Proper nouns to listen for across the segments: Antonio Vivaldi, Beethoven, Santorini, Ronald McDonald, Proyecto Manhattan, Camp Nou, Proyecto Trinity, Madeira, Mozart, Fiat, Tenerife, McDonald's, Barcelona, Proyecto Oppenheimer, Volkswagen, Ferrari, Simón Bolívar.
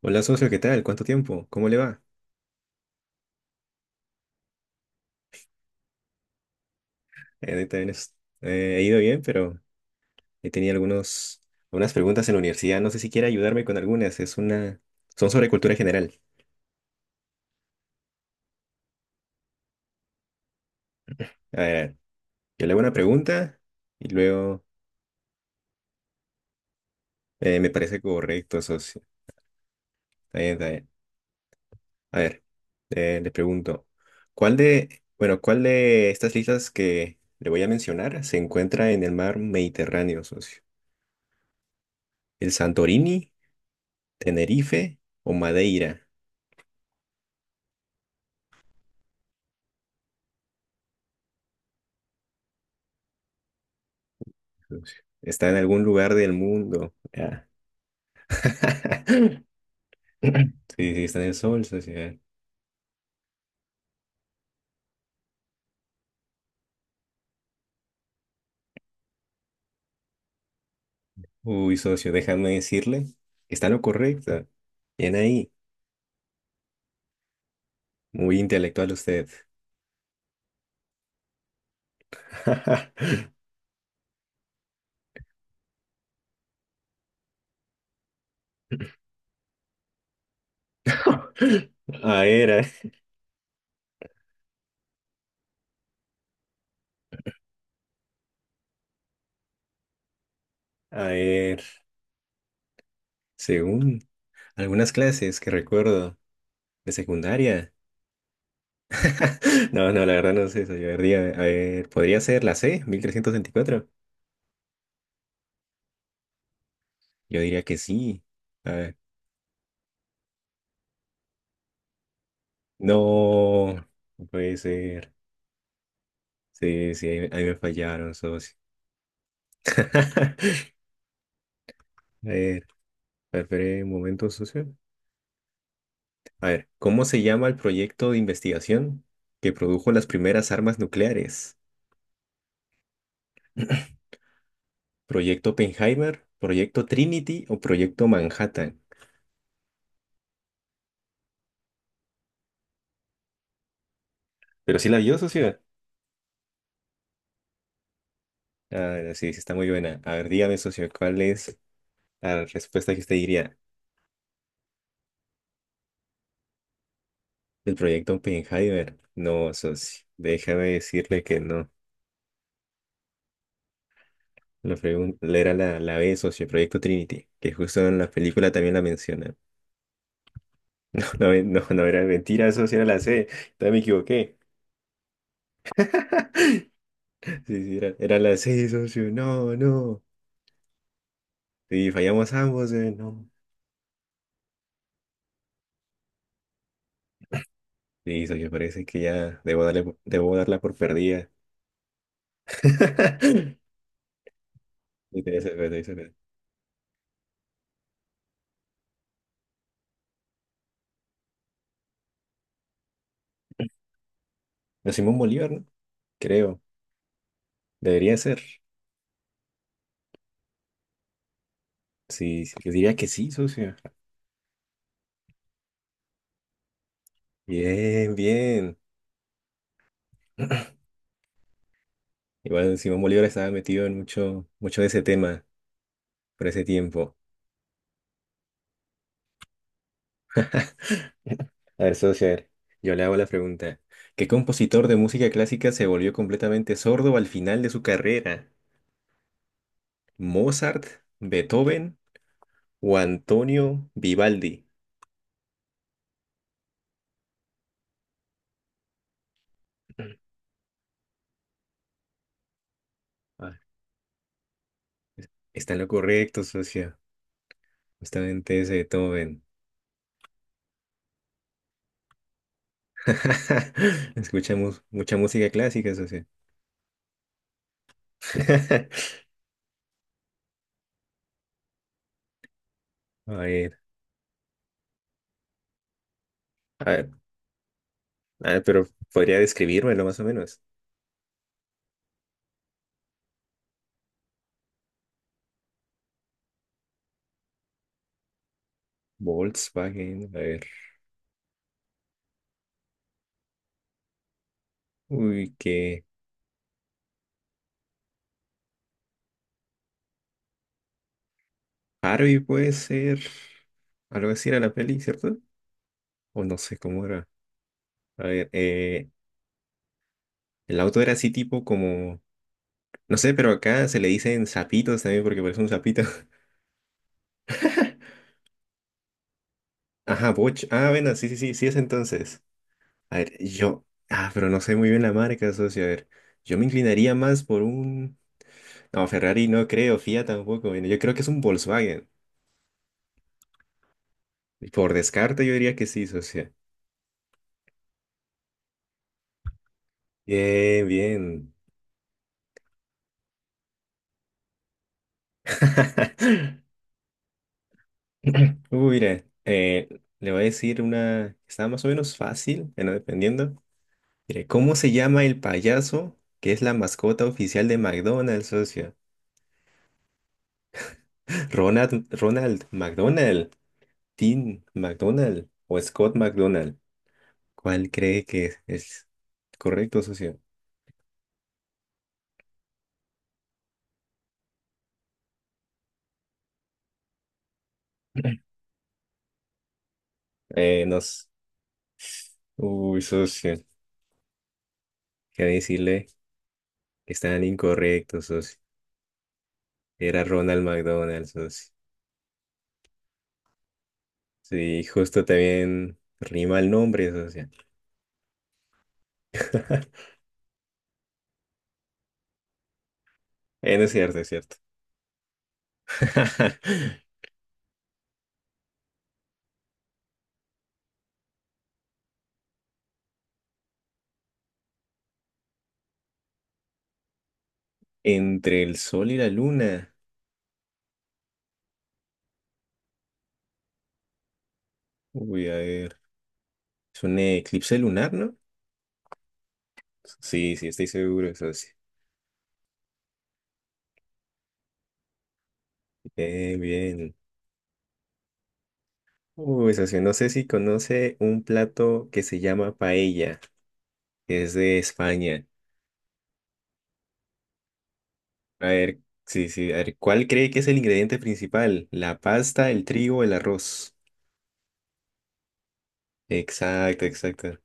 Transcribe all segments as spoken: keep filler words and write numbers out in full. Hola socio, ¿qué tal? ¿Cuánto tiempo? ¿Cómo le va? Eh, ahorita bien es- eh, he ido bien, pero he tenido algunos, algunas preguntas en la universidad. No sé si quiere ayudarme con algunas. Es una, son sobre cultura general. A ver, yo le hago una pregunta y luego eh, me parece correcto, socio. Está bien, está bien. A ver, eh, le pregunto, ¿cuál de, bueno, ¿cuál de estas islas que le voy a mencionar se encuentra en el mar Mediterráneo, socio? ¿El Santorini, Tenerife o Madeira? Está en algún lugar del mundo. Ya. Sí, sí, está en el sol, socio. Uy, socio, déjame decirle. Está lo correcto. Bien ahí. Muy intelectual usted. A ver, a a ver. Según algunas clases que recuerdo de secundaria. No, no, la verdad no sé, socio. A ver, diga- a ver, ¿podría ser la ce, mil trescientos veinticuatro? Yo diría que sí. A ver. No, no puede ser. Sí, sí, ahí, ahí me fallaron, socio. A ver, esperé un momento, socio. A ver, ¿cómo se llama el proyecto de investigación que produjo las primeras armas nucleares? ¿Proyecto Oppenheimer, Proyecto Trinity o Proyecto Manhattan? Pero sí la vio, socio. Ah, sí, sí, está muy buena. A ver, dígame, socio, ¿cuál es la respuesta que usted diría del proyecto Oppenheimer? No, socio, déjame decirle que no. La pregunta era la, la be, socio, Proyecto Trinity, que justo en la película también la mencionan. No, no, no era mentira, socio, era la ce. También me equivoqué. Sí, sí, era, era la ce, socio. No, no. Sí fallamos ambos, eh, no. Sí, socio, parece que ya debo darle, por- debo darla por perdida. Sí, debe ser, debe ser. No, Simón Bolívar, ¿no? Creo. Debería ser. Sí, sí, yo diría que sí, socio. Bien, bien. Igual Simón Bolívar estaba metido en mucho, mucho de ese tema por ese tiempo. A ver, socio, a ver, yo le hago la pregunta. ¿Qué compositor de música clásica se volvió completamente sordo al final de su carrera? ¿Mozart, Beethoven o Antonio Vivaldi? Ah, está en lo correcto, socio. Justamente ese Beethoven. Escuchamos mucha música clásica, socio. A ver, a ver, a ver, pero podría describírmelo más o menos. Volkswagen, a ver. Uy, qué. Harvey puede ser algo así era la peli, ¿cierto? O no sé cómo era. A ver, eh, el auto era así tipo como, no sé, pero acá se le dicen sapitos también porque parece un sapito. Ajá, Boch. Ah, bueno, sí, sí, sí, sí es entonces. A ver, yo, ah, pero no sé muy bien la marca, socio. A ver, yo me inclinaría más por un, no, Ferrari no creo, Fiat tampoco. Bueno, yo creo que es un Volkswagen. Por descarte yo diría que sí, socio. Bien, bien. Uh, mira, eh, le voy a decir una que está más o menos fácil, bueno, dependiendo. Mire, ¿cómo se llama el payaso que es la mascota oficial de McDonald's, socio? Ronald, Ronald McDonald, Tim McDonald o Scott McDonald. ¿Cuál cree que es correcto, socio? Eh, nos... Uy, socio, quería decirle que están incorrectos, socio. Era Ronald McDonald, socio. Sí, justo también rima el nombre, socio. Eh, no es cierto, es cierto. Entre el sol y la luna. Voy a ver. Es un eclipse lunar, ¿no? Sí, sí, estoy seguro, eso sí. Bien, bien. Uy, socio, no sé si conoce un plato que se llama paella, que es de España. A ver, sí, sí, a ver, ¿cuál cree que es el ingrediente principal? ¿La pasta, el trigo, el arroz? Exacto, exacto.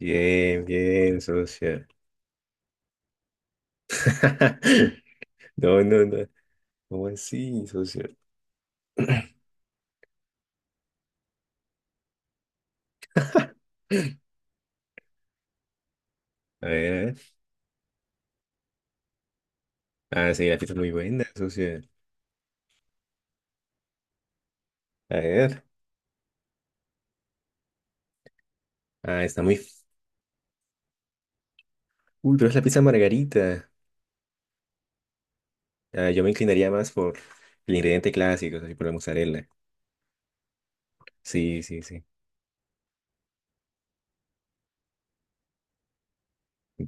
Bien, bien, socio. No, no, no. ¿Cómo así, socio? A ver, a ver. Ah, sí, la pizza es muy buena, socio. A ver. Ah, está muy full, pero es la pizza margarita. Ah, yo me inclinaría más por el ingrediente clásico, así por la mozzarella. Sí, sí, sí.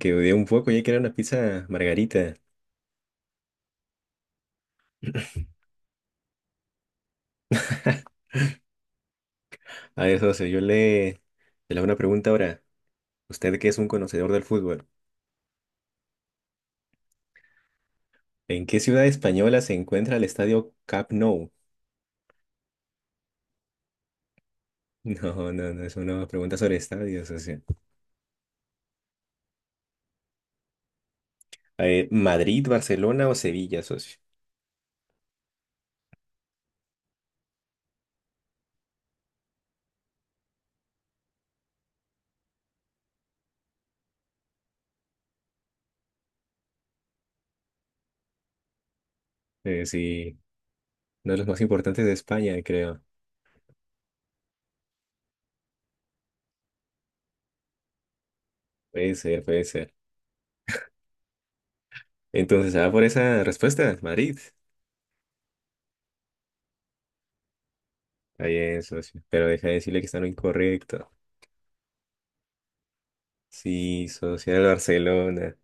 Que dudé un poco ya que era una pizza margarita. A ver, socio, yo le, le hago una pregunta ahora. Usted que es un conocedor del fútbol, ¿en qué ciudad española se encuentra el estadio Camp Nou? No, no, no, es una pregunta sobre estadios, socio. A ver, ¿Madrid, Barcelona o Sevilla, socio? Eh, sí, uno de los más importantes de España, creo. Puede ser, puede ser. Entonces, se va por esa respuesta, Madrid. Está bien, socio. Pero deja de decirle que está en lo incorrecto. Sí, socio, era el Barcelona.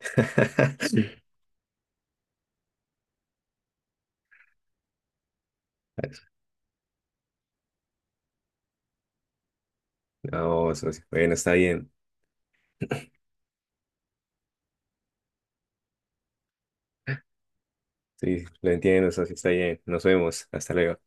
Sí. No, socio. Bueno, está bien. Sí, lo entiendo, socio, está bien. Nos vemos. Hasta luego.